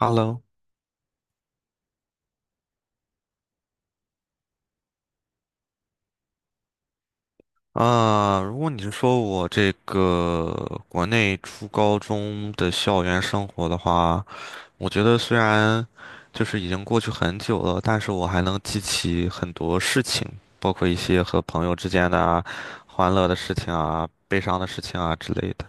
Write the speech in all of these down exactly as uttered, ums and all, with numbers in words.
OK，Hello。 啊，如果你是说我这个国内初高中的校园生活的话，我觉得虽然就是已经过去很久了，但是我还能记起很多事情，包括一些和朋友之间的啊欢乐的事情啊、悲伤的事情啊之类的。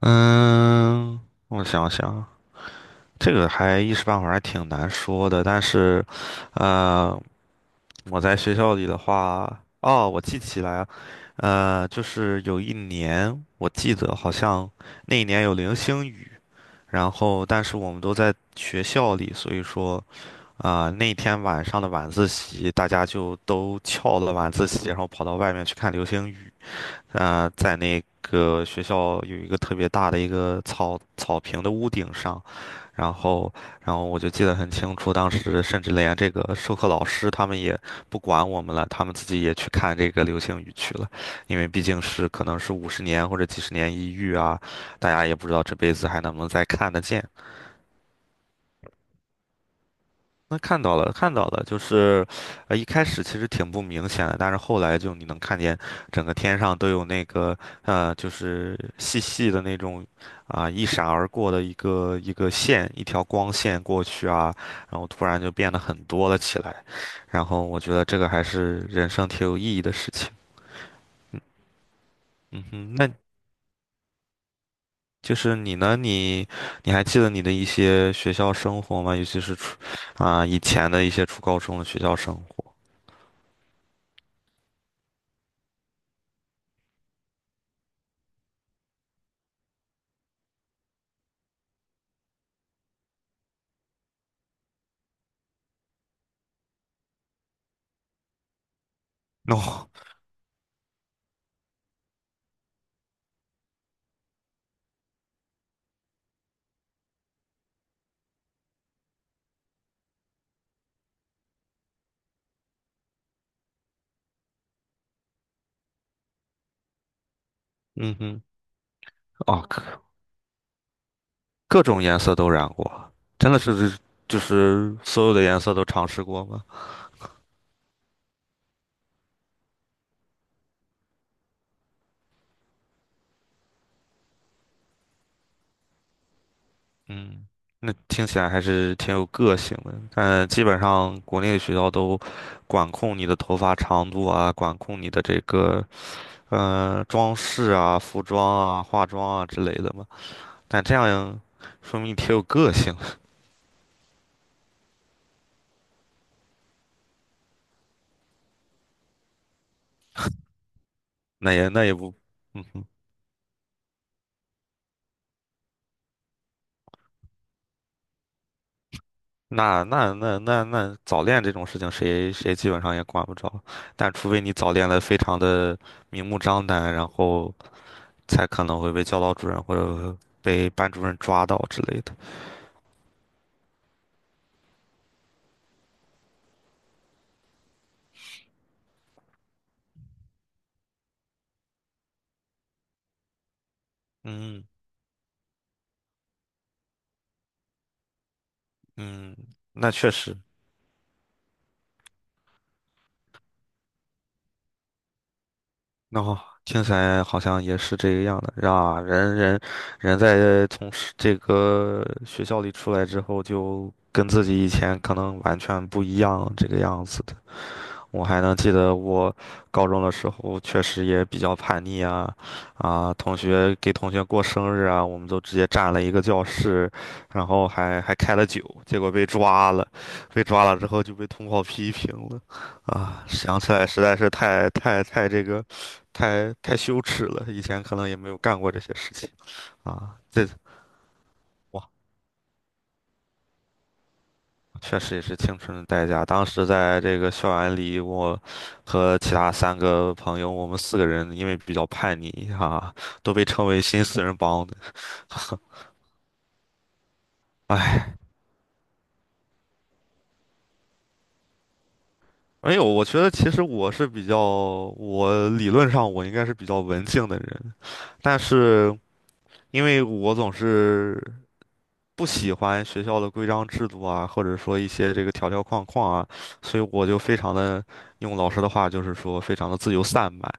嗯，我想想，这个还一时半会儿还挺难说的，但是，呃。我在学校里的话，哦，我记起来了，呃，就是有一年，我记得好像那一年有流星雨，然后但是我们都在学校里，所以说啊、那天晚上的晚自习，大家就都翘了晚自习，然后跑到外面去看流星雨。呃，在那个学校有一个特别大的一个草草坪的屋顶上，然后，然后我就记得很清楚，当时甚至连这个授课老师他们也不管我们了，他们自己也去看这个流星雨去了，因为毕竟是可能是五十年或者几十年一遇啊，大家也不知道这辈子还能不能再看得见。那看到了，看到了，就是，呃，一开始其实挺不明显的，但是后来就你能看见整个天上都有那个，呃，就是细细的那种，啊、一闪而过的一个一个线，一条光线过去啊，然后突然就变得很多了起来，然后我觉得这个还是人生挺有意义的事情。嗯。嗯哼，那就是你呢？你你还记得你的一些学校生活吗？尤其是初啊、以前的一些初高中的学校生活。哦，嗯哼。哦，各各种颜色都染过，真的是就是所有的颜色都尝试过吗？嗯，那听起来还是挺有个性的。但基本上国内的学校都管控你的头发长度啊，管控你的这个呃装饰啊、服装啊、化妆啊之类的嘛。但这样说明你挺有个性，那也那也不，嗯。那那那那那早恋这种事情，谁，谁基本上也管不着。但除非你早恋的非常的明目张胆，然后才可能会被教导主任或者被班主任抓到之类的。嗯。嗯，那确实，那好，听起来好像也是这个样的。啊，人人人在从是这个学校里出来之后，就跟自己以前可能完全不一样这个样子的。我还能记得我高中的时候，确实也比较叛逆啊，啊，同学给同学过生日啊，我们都直接占了一个教室，然后还还开了酒，结果被抓了，被抓了之后就被通报批评了，啊，想起来实在是太太太这个，太太羞耻了，以前可能也没有干过这些事情啊，这。哇。确实也是青春的代价。当时在这个校园里，我和其他三个朋友，我们四个人因为比较叛逆哈、都被称为新四人帮的。哎，没有，我觉得其实我是比较，我理论上我应该是比较文静的人，但是因为我总是不喜欢学校的规章制度啊，或者说一些这个条条框框啊，所以我就非常的，用老师的话就是说，非常的自由散漫。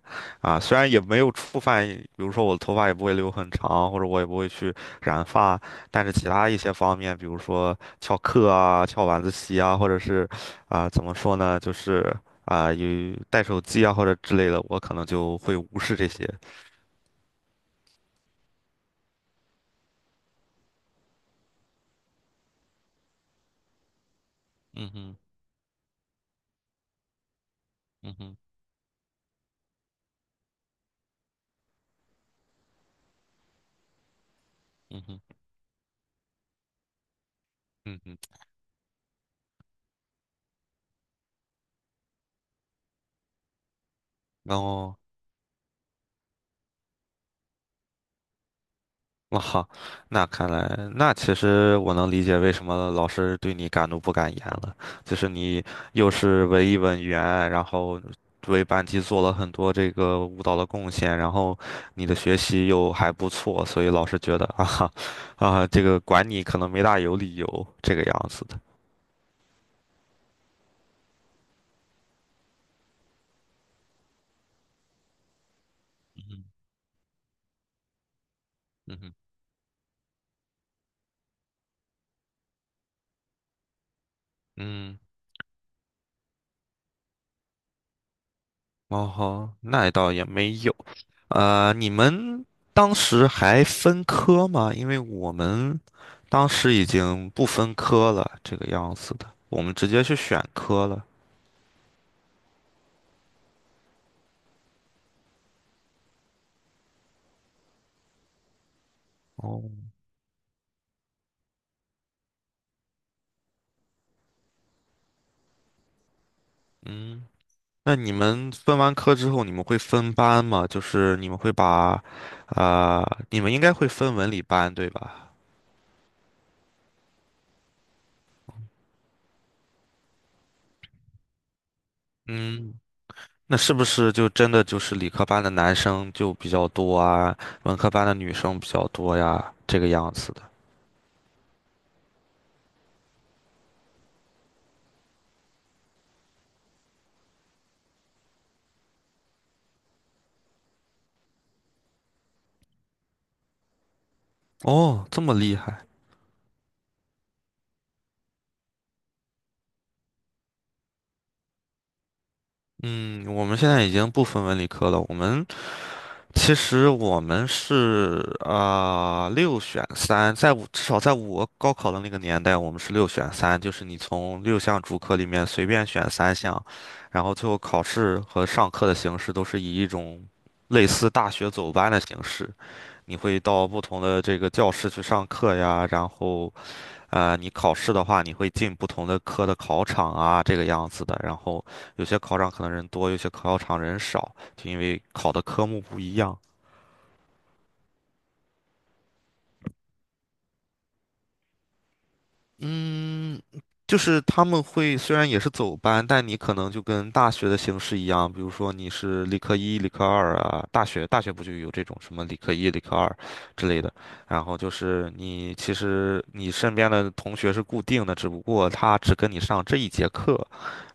虽然也没有触犯，比如说我的头发也不会留很长，或者我也不会去染发，但是其他一些方面，比如说翘课啊、翘晚自习啊，或者是啊、怎么说呢，就是啊、有带手机啊或者之类的，我可能就会无视这些。嗯哼，嗯哼，嗯哼，嗯哼，然后。哇哈，那看来，那其实我能理解为什么老师对你敢怒不敢言了，就是你又是文艺委员，然后为班级做了很多这个舞蹈的贡献，然后你的学习又还不错，所以老师觉得啊哈，啊，这个管你可能没大有理由这个样子的。嗯哼。嗯哼。嗯。哦吼，那倒也没有。呃，你们当时还分科吗？因为我们当时已经不分科了，这个样子的，我们直接去选科了。哦，嗯，那你们分完科之后，你们会分班吗？就是你们会把，呃，你们应该会分文理班，对吧？嗯，那是不是就真的就是理科班的男生就比较多啊，文科班的女生比较多呀，这个样子的？哦，这么厉害。嗯，我们现在已经不分文理科了。我们其实我们是啊、呃六选三，在我至少在我高考的那个年代，我们是六选三，就是你从六项主科里面随便选三项，然后最后考试和上课的形式都是以一种类似大学走班的形式，你会到不同的这个教室去上课呀，然后呃，你考试的话，你会进不同的科的考场啊，这个样子的。然后有些考场可能人多，有些考场人少，就因为考的科目不一样。嗯，就是他们会虽然也是走班，但你可能就跟大学的形式一样，比如说你是理科一、理科二啊，大学大学不就有这种什么理科一、理科二之类的，然后就是你其实你身边的同学是固定的，只不过他只跟你上这一节课，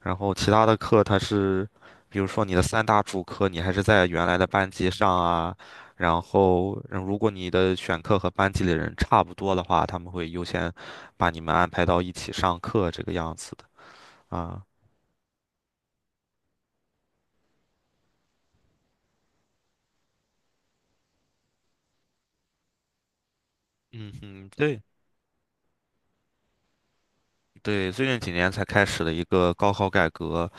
然后其他的课他是，比如说你的三大主课你还是在原来的班级上啊。然后，嗯如果你的选课和班级里人差不多的话，他们会优先把你们安排到一起上课这个样子的啊。嗯哼，对。对，最近几年才开始的一个高考改革，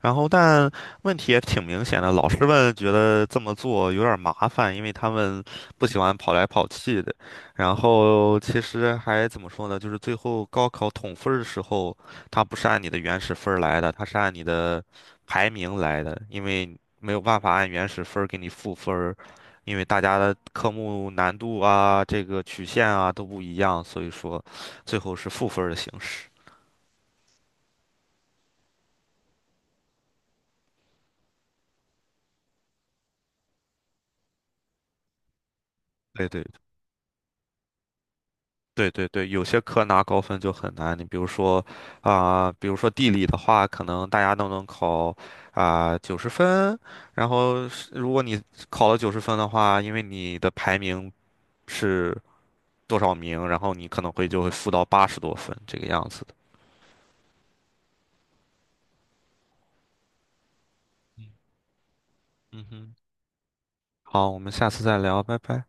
然后但问题也挺明显的，老师们觉得这么做有点儿麻烦，因为他们不喜欢跑来跑去的。然后其实还怎么说呢，就是最后高考统分儿的时候，它不是按你的原始分儿来的，它是按你的排名来的，因为没有办法按原始分儿给你赋分儿，因为大家的科目难度啊、这个曲线啊都不一样，所以说最后是赋分儿的形式。对对对对对，有些科拿高分就很难。你比如说啊、比如说地理的话，可能大家都能考啊九十分，然后是如果你考了九十分的话，因为你的排名是多少名，然后你可能会就会负到八十多分这个样子的。嗯哼，好，我们下次再聊，拜拜。